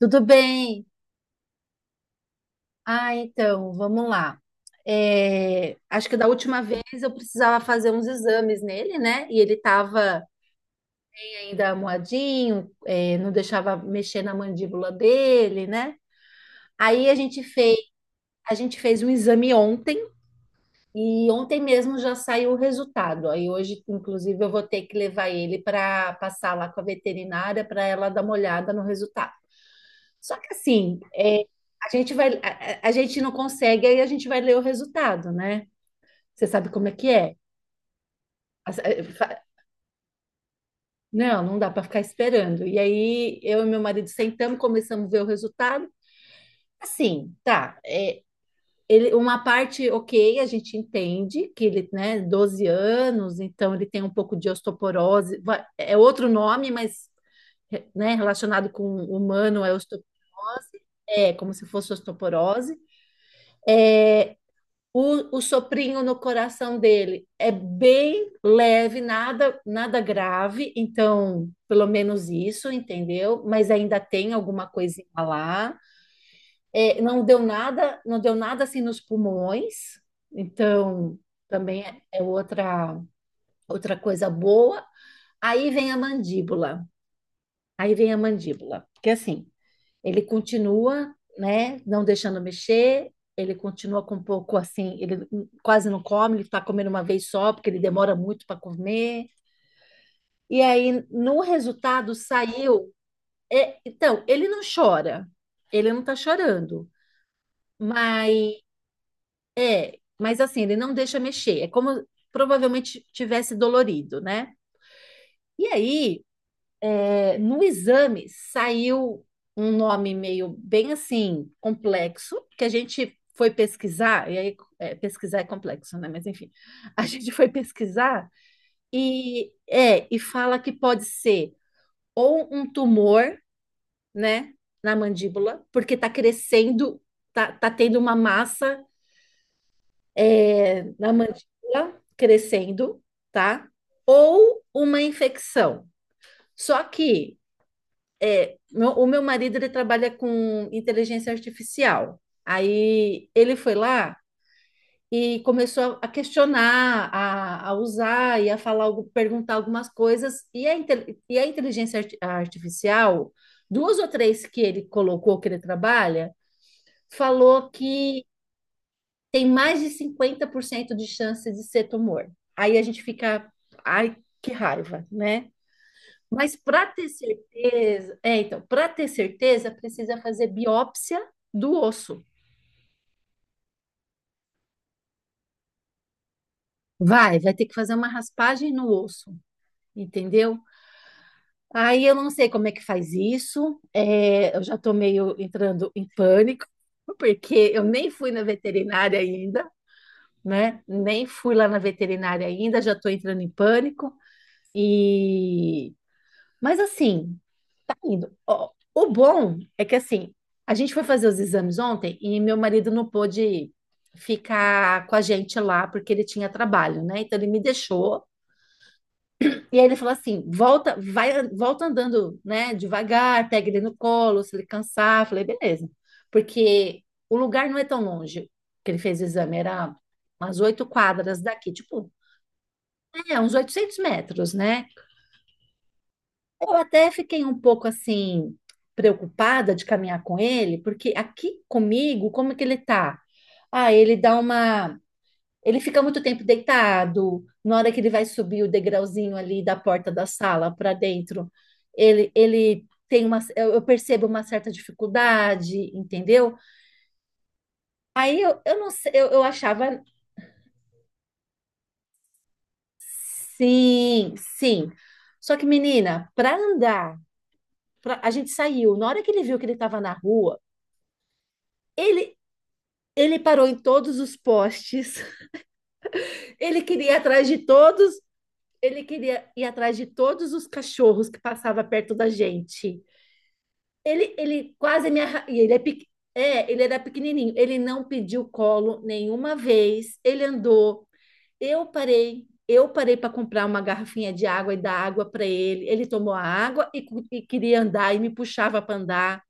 Tudo bem? Ah, então, vamos lá. É, acho que da última vez eu precisava fazer uns exames nele, né? E ele estava ainda moadinho, é, não deixava mexer na mandíbula dele, né? Aí a gente fez um exame ontem e ontem mesmo já saiu o resultado. Aí hoje, inclusive, eu vou ter que levar ele para passar lá com a veterinária para ela dar uma olhada no resultado. Só que assim, é, a gente vai, a, a gente não consegue, aí a gente vai ler o resultado, né? Você sabe como é que é. As- é, fa- Não, não dá para ficar esperando. E aí eu e meu marido sentamos, começamos a ver o resultado. Assim, tá, é, ele, uma parte, ok, a gente entende que ele, né, 12 anos, então ele tem um pouco de osteoporose. É outro nome, mas, né, relacionado com humano, é como se fosse osteoporose. É, o soprinho no coração dele é bem leve, nada, nada grave, então pelo menos isso, entendeu? Mas ainda tem alguma coisinha lá. É, não deu nada, não deu nada assim nos pulmões, então também é outra coisa boa. Aí vem a mandíbula. Aí vem a mandíbula, porque assim, ele continua, né, não deixando mexer, ele continua com um pouco assim, ele quase não come, ele está comendo uma vez só, porque ele demora muito para comer. E aí, no resultado, saiu. É, então, ele não chora, ele não está chorando, mas é, mas assim, ele não deixa mexer, é como provavelmente tivesse dolorido, né? E aí, é, no exame saiu um nome meio bem assim complexo que a gente foi pesquisar e aí é, pesquisar é complexo, né? Mas enfim, a gente foi pesquisar e é e fala que pode ser ou um tumor, né, na mandíbula, porque tá crescendo, tá tendo uma massa é, na mandíbula crescendo, tá? Ou uma infecção. Só que o meu marido ele trabalha com inteligência artificial. Aí ele foi lá e começou a questionar, a usar e a falar, perguntar algumas coisas. E a inteligência artificial, duas ou três que ele colocou que ele trabalha, falou que tem mais de 50% de chance de ser tumor. Aí a gente fica, ai, que raiva, né? Mas para ter certeza, é, então, para ter certeza, precisa fazer biópsia do osso. Vai ter que fazer uma raspagem no osso, entendeu? Aí eu não sei como é que faz isso, é, eu já tô meio entrando em pânico, porque eu nem fui na veterinária ainda, né? Nem fui lá na veterinária ainda, já tô entrando em pânico. E mas assim, indo. Ó, o bom é que assim, a gente foi fazer os exames ontem e meu marido não pôde ficar com a gente lá porque ele tinha trabalho, né? Então ele me deixou e aí ele falou assim: "Volta, vai, volta andando, né, devagar, pega ele no colo, se ele cansar". Eu falei: "Beleza". Porque o lugar não é tão longe que ele fez o exame, era umas 8 quadras daqui, tipo, é, uns 800 metros, né? Eu até fiquei um pouco assim preocupada de caminhar com ele, porque aqui comigo, como é que ele tá? Ah, ele dá uma, ele fica muito tempo deitado. Na hora que ele vai subir o degrauzinho ali da porta da sala para dentro, ele tem uma, eu percebo uma certa dificuldade, entendeu? Eu não sei, eu achava sim, sim. Só que menina, para andar, a gente saiu. Na hora que ele viu que ele estava na rua, ele, Ele parou em todos os postes. Ele queria ir atrás de todos. Ele queria ir atrás de todos os cachorros que passava perto da gente. Ele quase me arra... Ele era pequenininho. Ele não pediu colo nenhuma vez. Ele andou. Eu parei. Eu parei para comprar uma garrafinha de água e dar água para ele. Ele tomou a água e queria andar e me puxava para andar.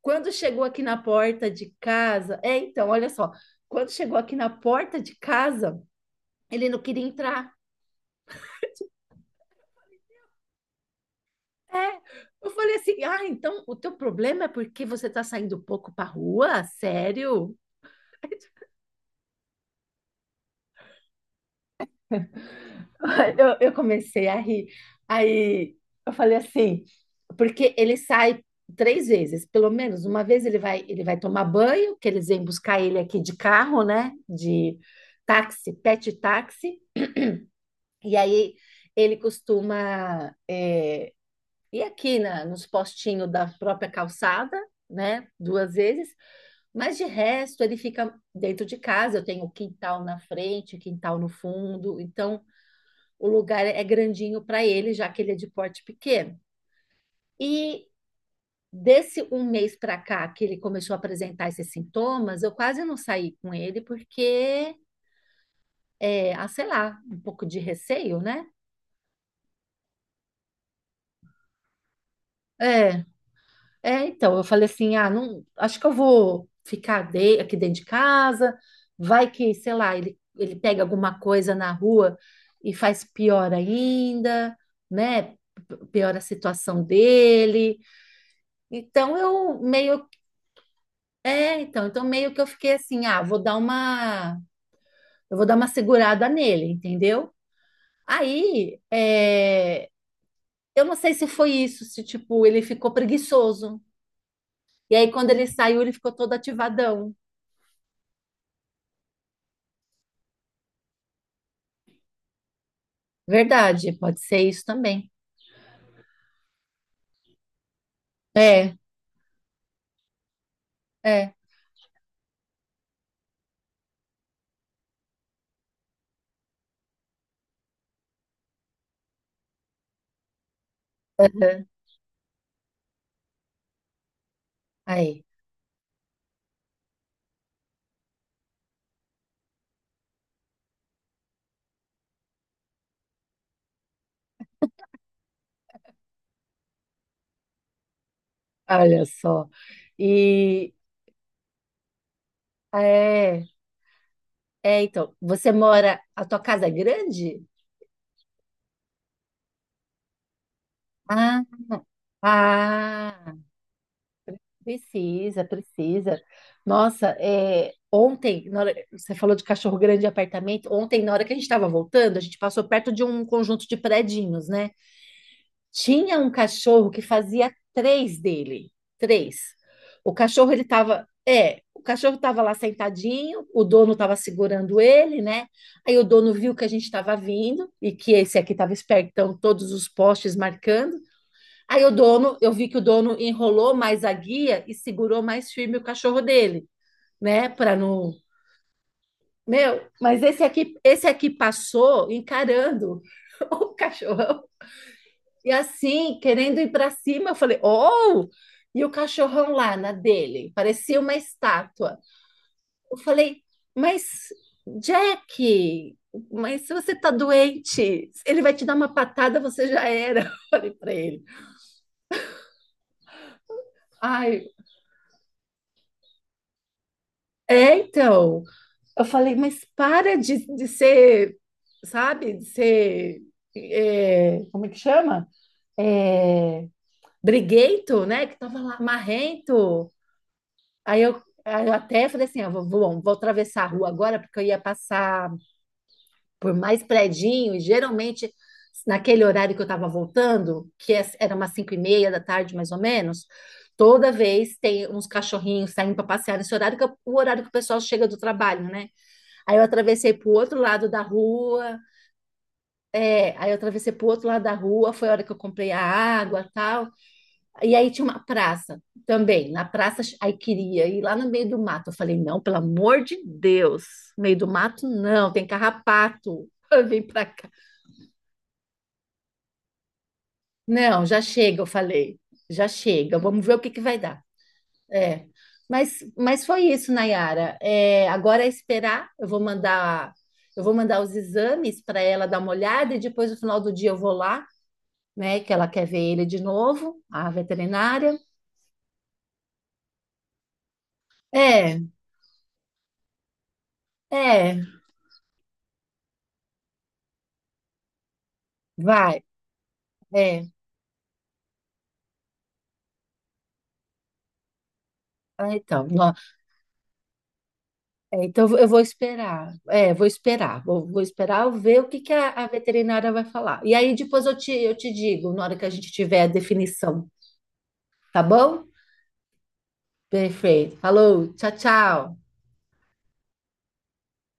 Quando chegou aqui na porta de casa, é, então, olha só. Quando chegou aqui na porta de casa, ele não queria entrar. É. Eu falei assim: ah, então o teu problema é porque você tá saindo pouco pra rua? Sério? Eu comecei a rir. Aí eu falei assim, porque ele sai 3 vezes, pelo menos uma vez ele vai tomar banho, que eles vêm buscar ele aqui de carro, né? De táxi, pet táxi, e aí ele costuma é, ir aqui na, nos postinhos da própria calçada, né? 2 vezes. Mas de resto, ele fica dentro de casa. Eu tenho quintal na frente, quintal no fundo. Então, o lugar é grandinho para ele, já que ele é de porte pequeno. E desse um mês para cá que ele começou a apresentar esses sintomas, eu quase não saí com ele porque, é, ah, sei lá, um pouco de receio, né? É, então, eu falei assim, ah, não, acho que eu vou ficar aqui dentro de casa, vai que, sei lá, ele pega alguma coisa na rua e faz pior ainda, né? Piora a situação dele. Então eu meio, é, então, então meio que eu fiquei assim, ah, vou dar uma, eu vou dar uma segurada nele, entendeu? Aí, é, eu não sei se foi isso, se tipo, ele ficou preguiçoso. E aí, quando ele saiu, ele ficou todo ativadão. Verdade, pode ser isso também. É, é, aham. Aí, olha só. E é, então, você mora, a tua casa é grande? Ah, ah, precisa, precisa. Nossa, é, ontem, você falou de cachorro grande e apartamento. Ontem, na hora que a gente estava voltando, a gente passou perto de um conjunto de predinhos, né? Tinha um cachorro que fazia três dele. Três. O cachorro, ele tava. É, o cachorro estava lá sentadinho, o dono estava segurando ele, né? Aí o dono viu que a gente estava vindo e que esse aqui estava esperto, então todos os postes marcando. Aí o dono, eu vi que o dono enrolou mais a guia e segurou mais firme o cachorro dele, né? Para não. Meu, mas esse aqui passou encarando o cachorro. E assim, querendo ir para cima, eu falei, oh! E o cachorrão lá na dele, parecia uma estátua. Eu falei, mas Jack, mas se você tá doente, ele vai te dar uma patada, você já era. Eu falei para ele. Ai, é, então. Eu falei, mas para de ser, sabe, de ser, é, como é que chama? É, briguento, né? Que tava lá, marrento. Aí eu até falei assim, ah, vou atravessar a rua agora, porque eu ia passar por mais predinho, e geralmente naquele horário que eu estava voltando, era umas 5:30 da tarde, mais ou menos, toda vez tem uns cachorrinhos saindo para passear nesse horário, que é o horário que o pessoal chega do trabalho, né? Aí eu atravessei para o outro lado da rua, aí eu atravessei para o outro lado da rua, foi a hora que eu comprei a água e tal. E aí tinha uma praça também. Na praça, aí queria ir lá no meio do mato. Eu falei, não, pelo amor de Deus, meio do mato não, tem carrapato. Vem pra cá. Não, já chega, eu falei, já chega, vamos ver o que que vai dar. É. Mas foi isso, Nayara. É, agora é esperar. Eu vou mandar os exames para ela dar uma olhada e depois no final do dia eu vou lá, né? Que ela quer ver ele de novo, a veterinária. É, é, vai. É. Ah, então, eu vou esperar. É, vou esperar. Vou esperar eu ver o que que a veterinária vai falar. E aí depois eu te digo, na hora que a gente tiver a definição, tá bom? Perfeito. Falou, tchau, tchau.